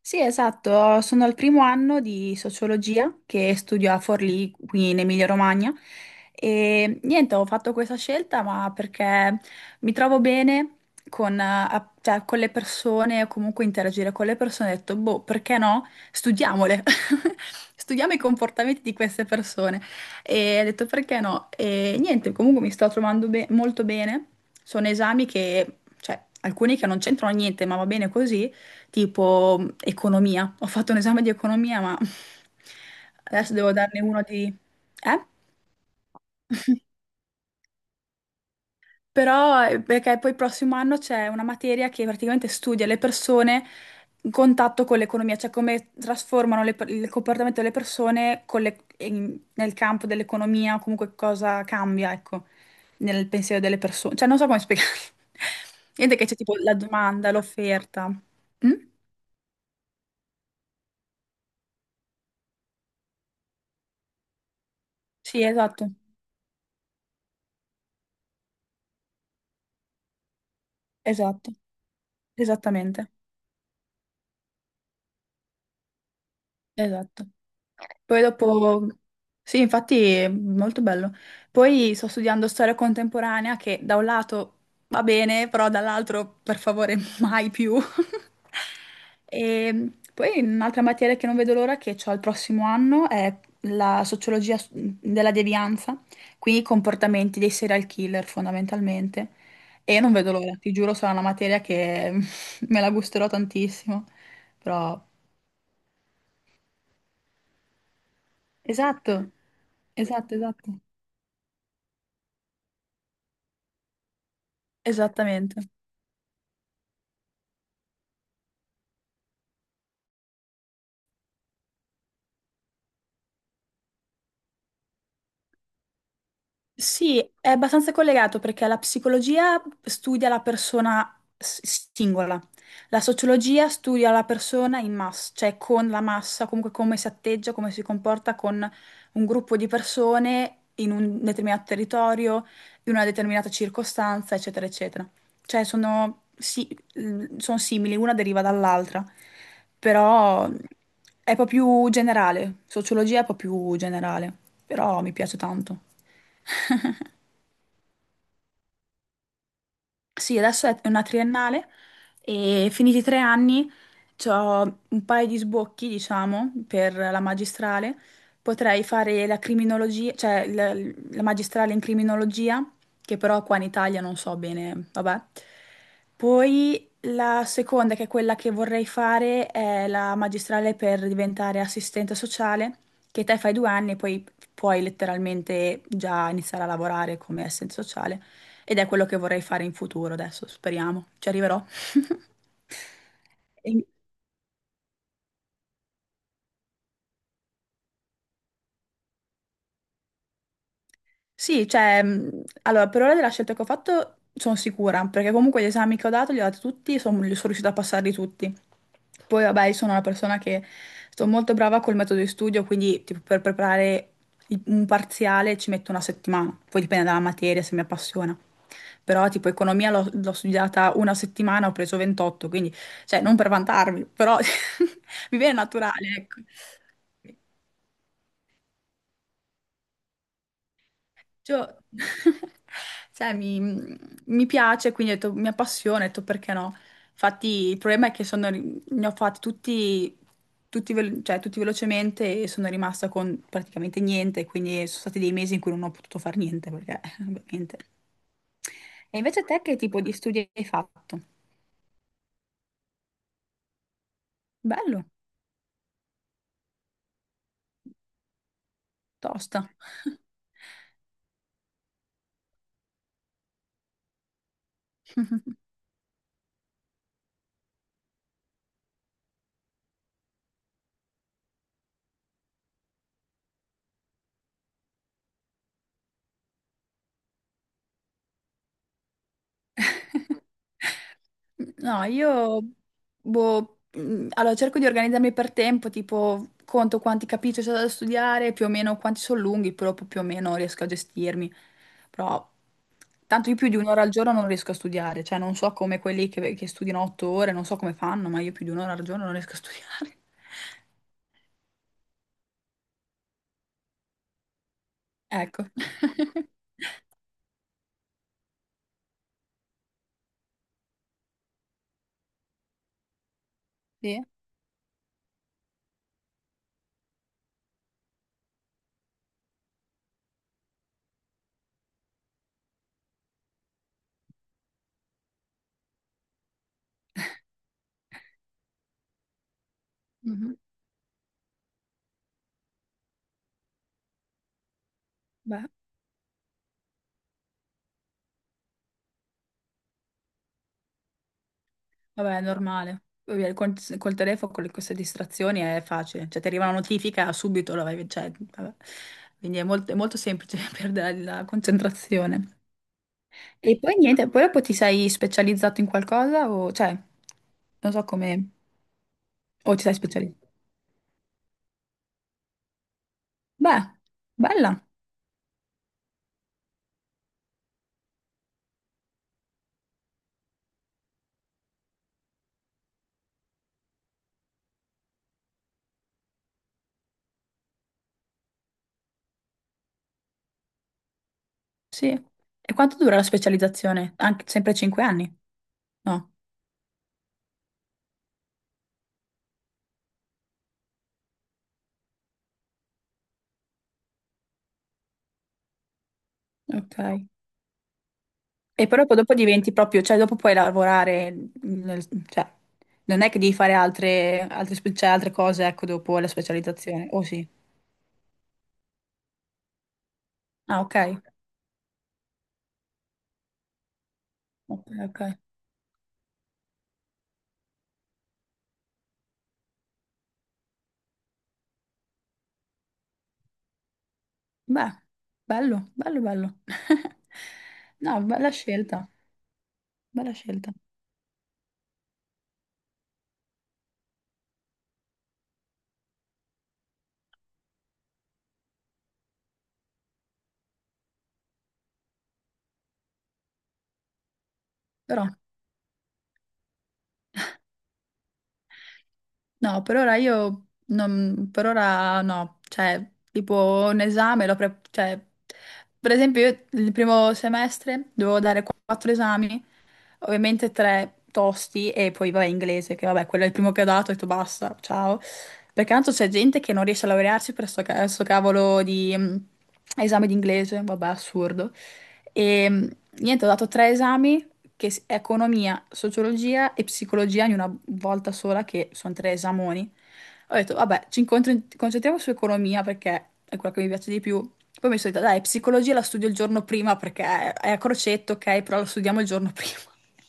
Sì, esatto, sono al 1° anno di sociologia che studio a Forlì, qui in Emilia-Romagna e niente, ho fatto questa scelta ma perché mi trovo bene con, cioè, con le persone o comunque interagire con le persone, ho detto, boh, perché no? Studiamole, studiamo i comportamenti di queste persone e ho detto perché no? E niente, comunque mi sto trovando molto bene, sono esami che, cioè, alcuni che non c'entrano niente, ma va bene così tipo economia. Ho fatto un esame di economia, ma adesso devo darne uno di... Eh? Però perché poi il prossimo anno c'è una materia che praticamente studia le persone in contatto con l'economia, cioè come trasformano il comportamento delle persone con nel campo dell'economia o comunque cosa cambia, ecco, nel pensiero delle persone. Cioè non so come spiegare. Niente che c'è tipo la domanda, l'offerta. Mm? Sì, esatto, esatto. Esattamente, esatto. Poi dopo, sì, infatti è molto bello. Poi sto studiando storia contemporanea che da un lato va bene, però dall'altro per favore mai più. E poi un'altra materia che non vedo l'ora che ho il prossimo anno è la sociologia della devianza, quindi i comportamenti dei serial killer fondamentalmente. E non vedo l'ora, ti giuro, sarà una materia che me la gusterò tantissimo, però... Esatto, esatto, esatto. Esattamente. Sì, è abbastanza collegato perché la psicologia studia la persona singola, la sociologia studia la persona in massa, cioè con la massa, comunque come si atteggia, come si comporta con un gruppo di persone in un determinato territorio, in una determinata circostanza, eccetera, eccetera. Cioè sono, sono simili, una deriva dall'altra, però è un po' più generale, sociologia è un po' più generale, però mi piace tanto. Sì, adesso è una triennale e finiti i 3 anni ho un paio di sbocchi, diciamo, per la magistrale. Potrei fare la criminologia, cioè la magistrale in criminologia, che però qua in Italia non so bene, vabbè. Poi la seconda, che è quella che vorrei fare, è la magistrale per diventare assistente sociale, che te fai 2 anni e poi puoi letteralmente già iniziare a lavorare come assistente sociale. Ed è quello che vorrei fare in futuro adesso, speriamo. Ci arriverò. E- Sì, cioè, allora, per ora della scelta che ho fatto sono sicura, perché comunque gli esami che ho dato li ho dati tutti, li sono riuscita a passarli tutti. Poi, vabbè, io sono una persona che sono molto brava col metodo di studio, quindi tipo, per preparare un parziale ci metto 1 settimana, poi dipende dalla materia, se mi appassiona. Però, tipo, economia l'ho studiata 1 settimana, ho preso 28, quindi, cioè, non per vantarmi, però mi viene naturale, ecco. Cioè, cioè, mi piace, quindi ho detto, mi appassiona, ho detto perché no. Infatti il problema è che sono ne ho fatti tutti, cioè, tutti velocemente e sono rimasta con praticamente niente, quindi sono stati dei mesi in cui non ho potuto fare niente, perché ovviamente. E invece te che tipo di studi hai fatto? Bello, tosta. No, io boh, allora cerco di organizzarmi per tempo, tipo conto quanti capitoli c'è da studiare, più o meno quanti sono lunghi, però poi più o meno riesco a gestirmi. Però tanto io più di 1 ora al giorno non riesco a studiare, cioè non so come quelli che studiano 8 ore, non so come fanno, ma io più di 1 ora al giorno non riesco a studiare. Ecco. Sì. Mhm. Beh. Vabbè, è normale. Poi via, Col, col telefono, queste distrazioni è facile. Cioè, ti arriva una notifica subito, la vai, cioè, vabbè. Quindi è molto semplice perdere la concentrazione. E poi niente, poi dopo ti sei specializzato in qualcosa o, cioè, non so come... O ti sei specializzato? Beh, bella, sì. E quanto dura la specializzazione? Anche sempre 5 anni? No. Ok. E proprio dopo diventi proprio, cioè dopo puoi lavorare, cioè non è che devi fare altre, cioè, altre cose, ecco, dopo la specializzazione, o sì? Ah, ok, ok, ok. Beh, bello, bello, bello. No, bella scelta, bella scelta. Però. No, per ora io non, per ora no, cioè tipo un esame, cioè, per esempio io il 1° semestre dovevo dare 4 esami, ovviamente tre tosti e poi vabbè inglese, che vabbè quello è il primo che ho dato, ho detto basta, ciao, perché tanto c'è gente che non riesce a laurearsi per sto cavolo di esame di inglese, vabbè assurdo. E niente, ho dato 3 esami è economia, sociologia e psicologia in una volta sola, che sono 3 esami. Ho detto, vabbè, concentriamo su economia perché è quella che mi piace di più. Poi mi sono detta, dai, psicologia la studio il giorno prima perché è a crocetto, ok, però la studiamo il giorno prima.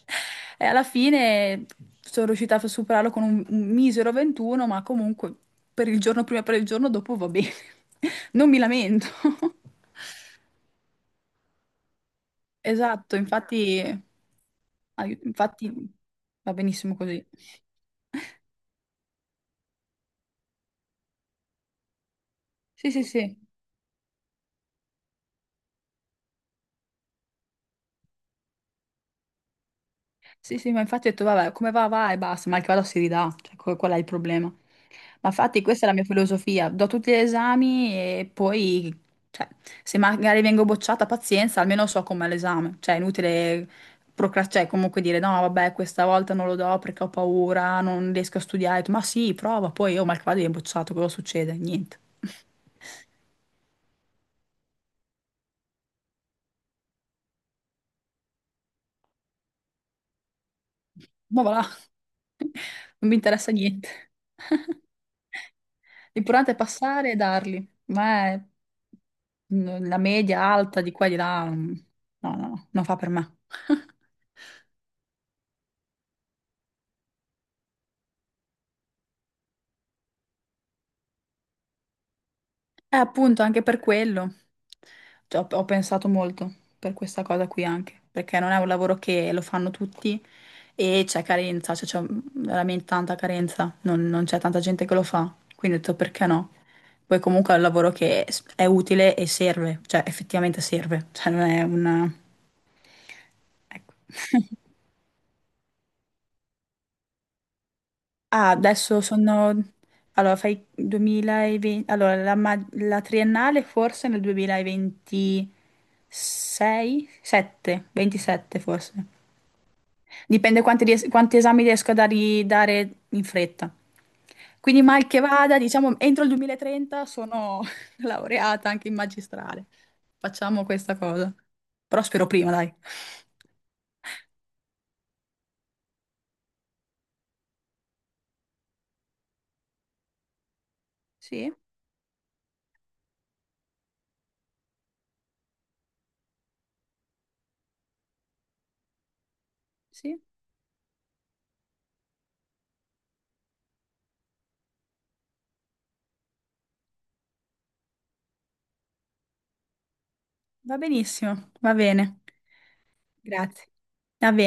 E alla fine sono riuscita a superarlo con un misero 21, ma comunque per il giorno prima e per il giorno dopo va bene. Non mi lamento. Esatto, infatti, infatti va benissimo così. Sì, sì, sì. Sì, sì, ma infatti ho detto, vabbè, come va, va e basta, mal che vada si ridà, cioè, qual è il problema? Ma infatti questa è la mia filosofia, do tutti gli esami e poi, cioè, se magari vengo bocciata, pazienza, almeno so com'è l'esame, cioè è inutile procrastinare, cioè comunque dire, no, vabbè, questa volta non lo do perché ho paura, non riesco a studiare, ho detto, ma sì, prova, poi, oh, mal che vada viene bocciato, cosa succede? Niente. Ma va là. Non mi interessa niente. L'importante è passare e darli. La media alta di qua e di là, no, no, no, non fa per me. Appunto, anche per quello. Cioè, ho pensato molto per questa cosa qui anche, perché non è un lavoro che lo fanno tutti e c'è carenza, cioè c'è veramente tanta carenza, non c'è tanta gente che lo fa, quindi ho detto perché no? Poi comunque è un lavoro è utile e serve, cioè effettivamente serve, cioè non è una... Ecco. Ah, adesso sono... Allora, fai 2020... Allora, la triennale forse nel 2026? 7, 27 forse. Dipende quanti, quanti esami riesco a dare in fretta. Quindi mal che vada, diciamo, entro il 2030 sono laureata anche in magistrale. Facciamo questa cosa. Però spero prima, dai. Sì, sì, va benissimo, va bene. Grazie. Va bene.